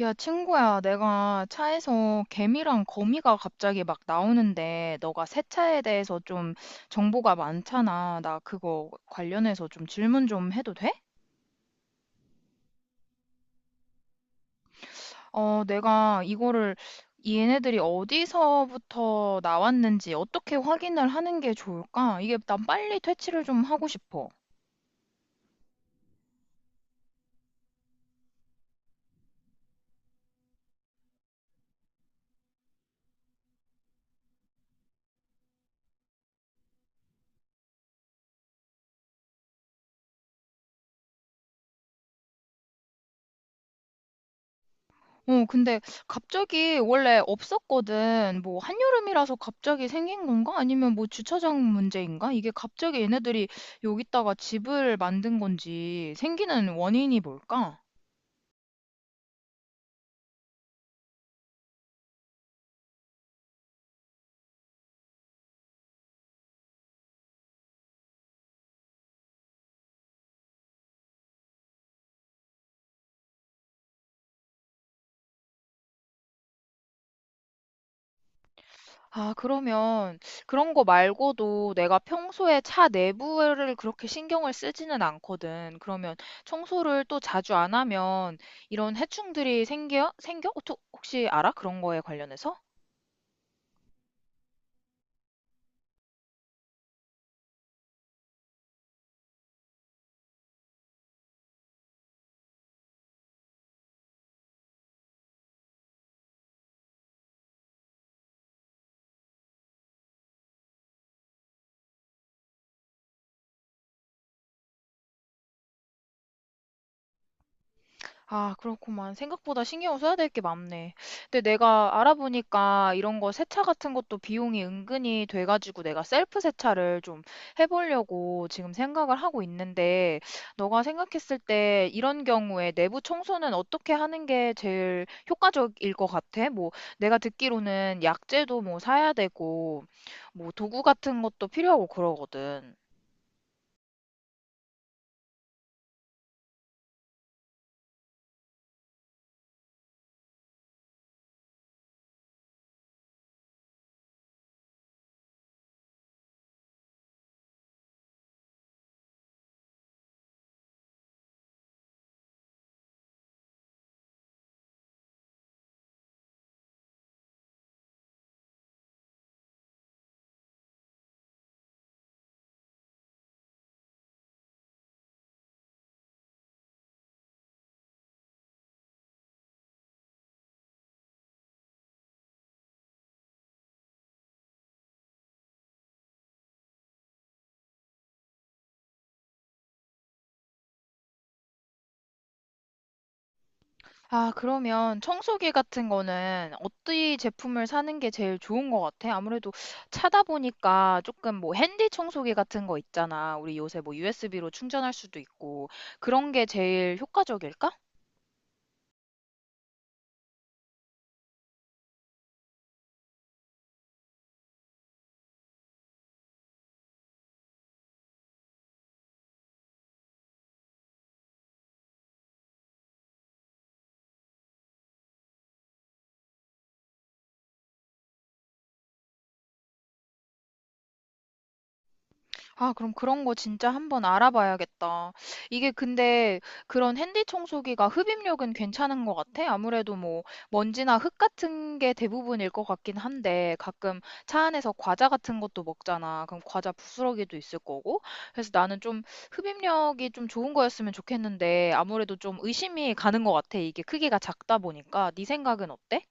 야, 친구야, 내가 차에서 개미랑 거미가 갑자기 막 나오는데, 너가 세차에 대해서 좀 정보가 많잖아. 나 그거 관련해서 좀 질문 좀 해도 돼? 어, 내가 이거를 얘네들이 어디서부터 나왔는지 어떻게 확인을 하는 게 좋을까? 이게 난 빨리 퇴치를 좀 하고 싶어. 어, 근데 갑자기 원래 없었거든. 뭐 한여름이라서 갑자기 생긴 건가? 아니면 뭐 주차장 문제인가? 이게 갑자기 얘네들이 여기다가 집을 만든 건지 생기는 원인이 뭘까? 아, 그러면 그런 거 말고도 내가 평소에 차 내부를 그렇게 신경을 쓰지는 않거든. 그러면 청소를 또 자주 안 하면 이런 해충들이 생겨? 생겨? 어, 혹시 알아? 그런 거에 관련해서? 아, 그렇구만. 생각보다 신경 써야 될 게 많네. 근데 내가 알아보니까 이런 거 세차 같은 것도 비용이 은근히 돼가지고 내가 셀프 세차를 좀 해보려고 지금 생각을 하고 있는데, 너가 생각했을 때 이런 경우에 내부 청소는 어떻게 하는 게 제일 효과적일 것 같아? 뭐, 내가 듣기로는 약재도 뭐 사야 되고, 뭐 도구 같은 것도 필요하고 그러거든. 아, 그러면 청소기 같은 거는 어떤 제품을 사는 게 제일 좋은 것 같아? 아무래도 차다 보니까 조금 뭐 핸디 청소기 같은 거 있잖아. 우리 요새 뭐 USB로 충전할 수도 있고 그런 게 제일 효과적일까? 아, 그럼 그런 거 진짜 한번 알아봐야겠다. 이게 근데 그런 핸디 청소기가 흡입력은 괜찮은 것 같아? 아무래도 뭐 먼지나 흙 같은 게 대부분일 것 같긴 한데 가끔 차 안에서 과자 같은 것도 먹잖아. 그럼 과자 부스러기도 있을 거고. 그래서 나는 좀 흡입력이 좀 좋은 거였으면 좋겠는데 아무래도 좀 의심이 가는 것 같아. 이게 크기가 작다 보니까. 네 생각은 어때?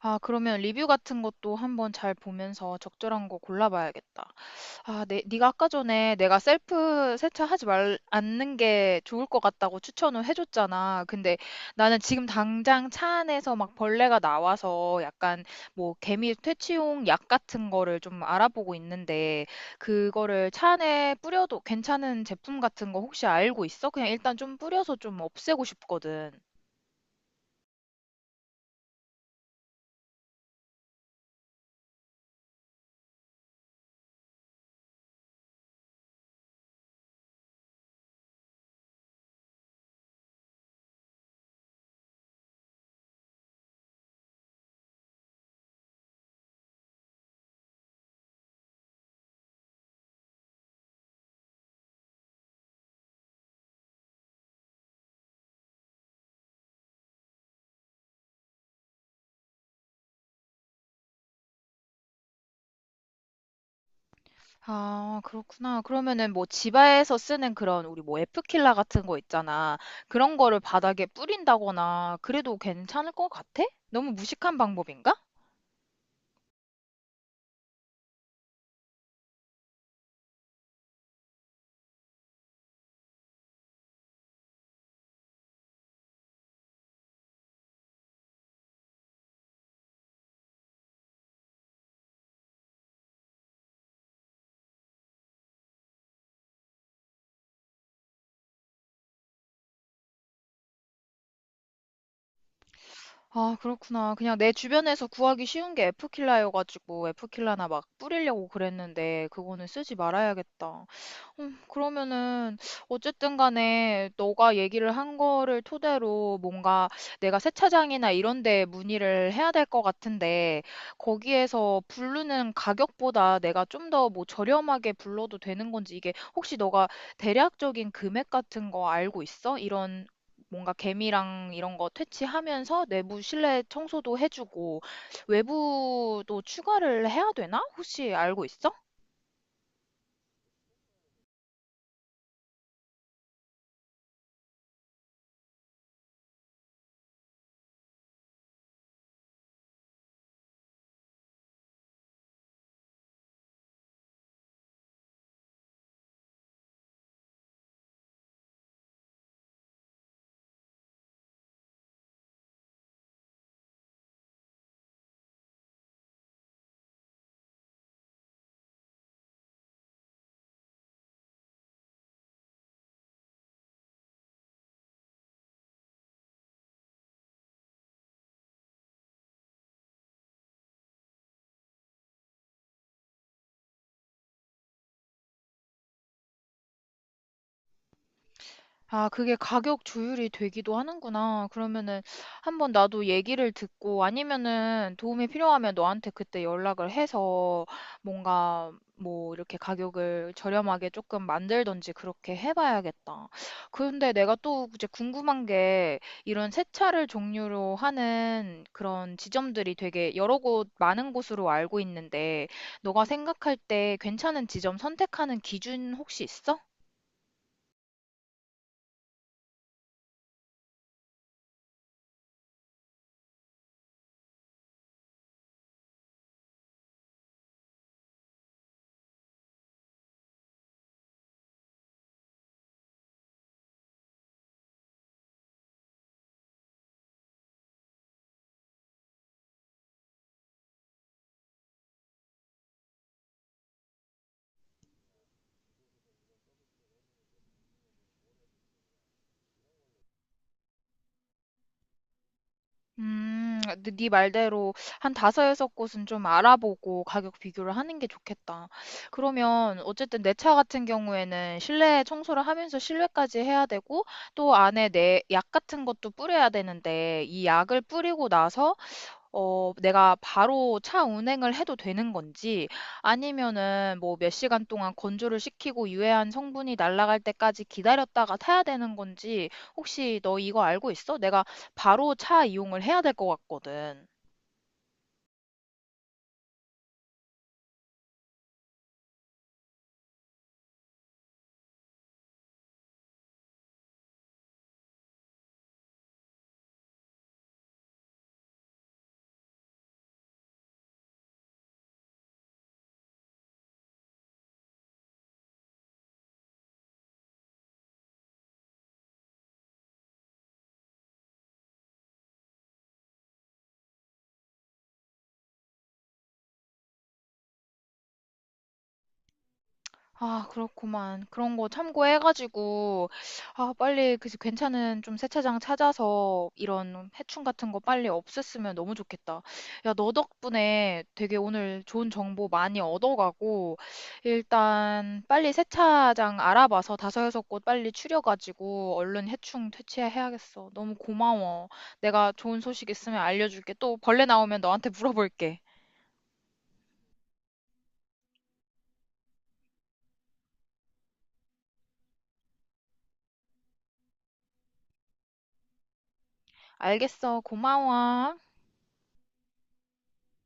아, 그러면 리뷰 같은 것도 한번 잘 보면서 적절한 거 골라봐야겠다. 아, 네, 네가 아까 전에 내가 셀프 세차하지 말 않는 게 좋을 것 같다고 추천을 해줬잖아. 근데 나는 지금 당장 차 안에서 막 벌레가 나와서 약간 뭐 개미 퇴치용 약 같은 거를 좀 알아보고 있는데 그거를 차 안에 뿌려도 괜찮은 제품 같은 거 혹시 알고 있어? 그냥 일단 좀 뿌려서 좀 없애고 싶거든. 아, 그렇구나. 그러면은 뭐 집에서 쓰는 그런 우리 뭐 에프킬라 같은 거 있잖아. 그런 거를 바닥에 뿌린다거나 그래도 괜찮을 것 같아? 너무 무식한 방법인가? 아, 그렇구나. 그냥 내 주변에서 구하기 쉬운 게 에프킬라여가지고 에프킬라나 막 뿌리려고 그랬는데 그거는 쓰지 말아야겠다. 그러면은 어쨌든 간에 너가 얘기를 한 거를 토대로 뭔가 내가 세차장이나 이런 데 문의를 해야 될 것 같은데 거기에서 부르는 가격보다 내가 좀 더 뭐 저렴하게 불러도 되는 건지 이게 혹시 너가 대략적인 금액 같은 거 알고 있어? 이런 뭔가 개미랑 이런 거 퇴치하면서 내부 실내 청소도 해주고 외부도 추가를 해야 되나? 혹시 알고 있어? 아, 그게 가격 조율이 되기도 하는구나. 그러면은 한번 나도 얘기를 듣고 아니면은 도움이 필요하면 너한테 그때 연락을 해서 뭔가 뭐 이렇게 가격을 저렴하게 조금 만들던지 그렇게 해봐야겠다. 근데 내가 또 이제 궁금한 게 이런 세차를 종류로 하는 그런 지점들이 되게 여러 곳 많은 곳으로 알고 있는데 너가 생각할 때 괜찮은 지점 선택하는 기준 혹시 있어? 근데 네 말대로 한 다섯, 여섯 곳은 좀 알아보고 가격 비교를 하는 게 좋겠다. 그러면 어쨌든 내 차 같은 경우에는 실내 청소를 하면서 실외까지 해야 되고 또 안에 내 약 같은 것도 뿌려야 되는데 이 약을 뿌리고 나서 어, 내가 바로 차 운행을 해도 되는 건지 아니면은 뭐 몇 시간 동안 건조를 시키고 유해한 성분이 날아갈 때까지 기다렸다가 타야 되는 건지 혹시 너 이거 알고 있어? 내가 바로 차 이용을 해야 될 것 같거든. 아, 그렇구만. 그런 거 참고해가지고, 아, 빨리 그 괜찮은 좀 세차장 찾아서 이런 해충 같은 거 빨리 없앴으면 너무 좋겠다. 야, 너 덕분에 되게 오늘 좋은 정보 많이 얻어가고, 일단 빨리 세차장 알아봐서 다섯 여섯 곳 빨리 추려가지고 얼른 해충 퇴치해야겠어. 너무 고마워. 내가 좋은 소식 있으면 알려줄게. 또 벌레 나오면 너한테 물어볼게. 알겠어. 고마워.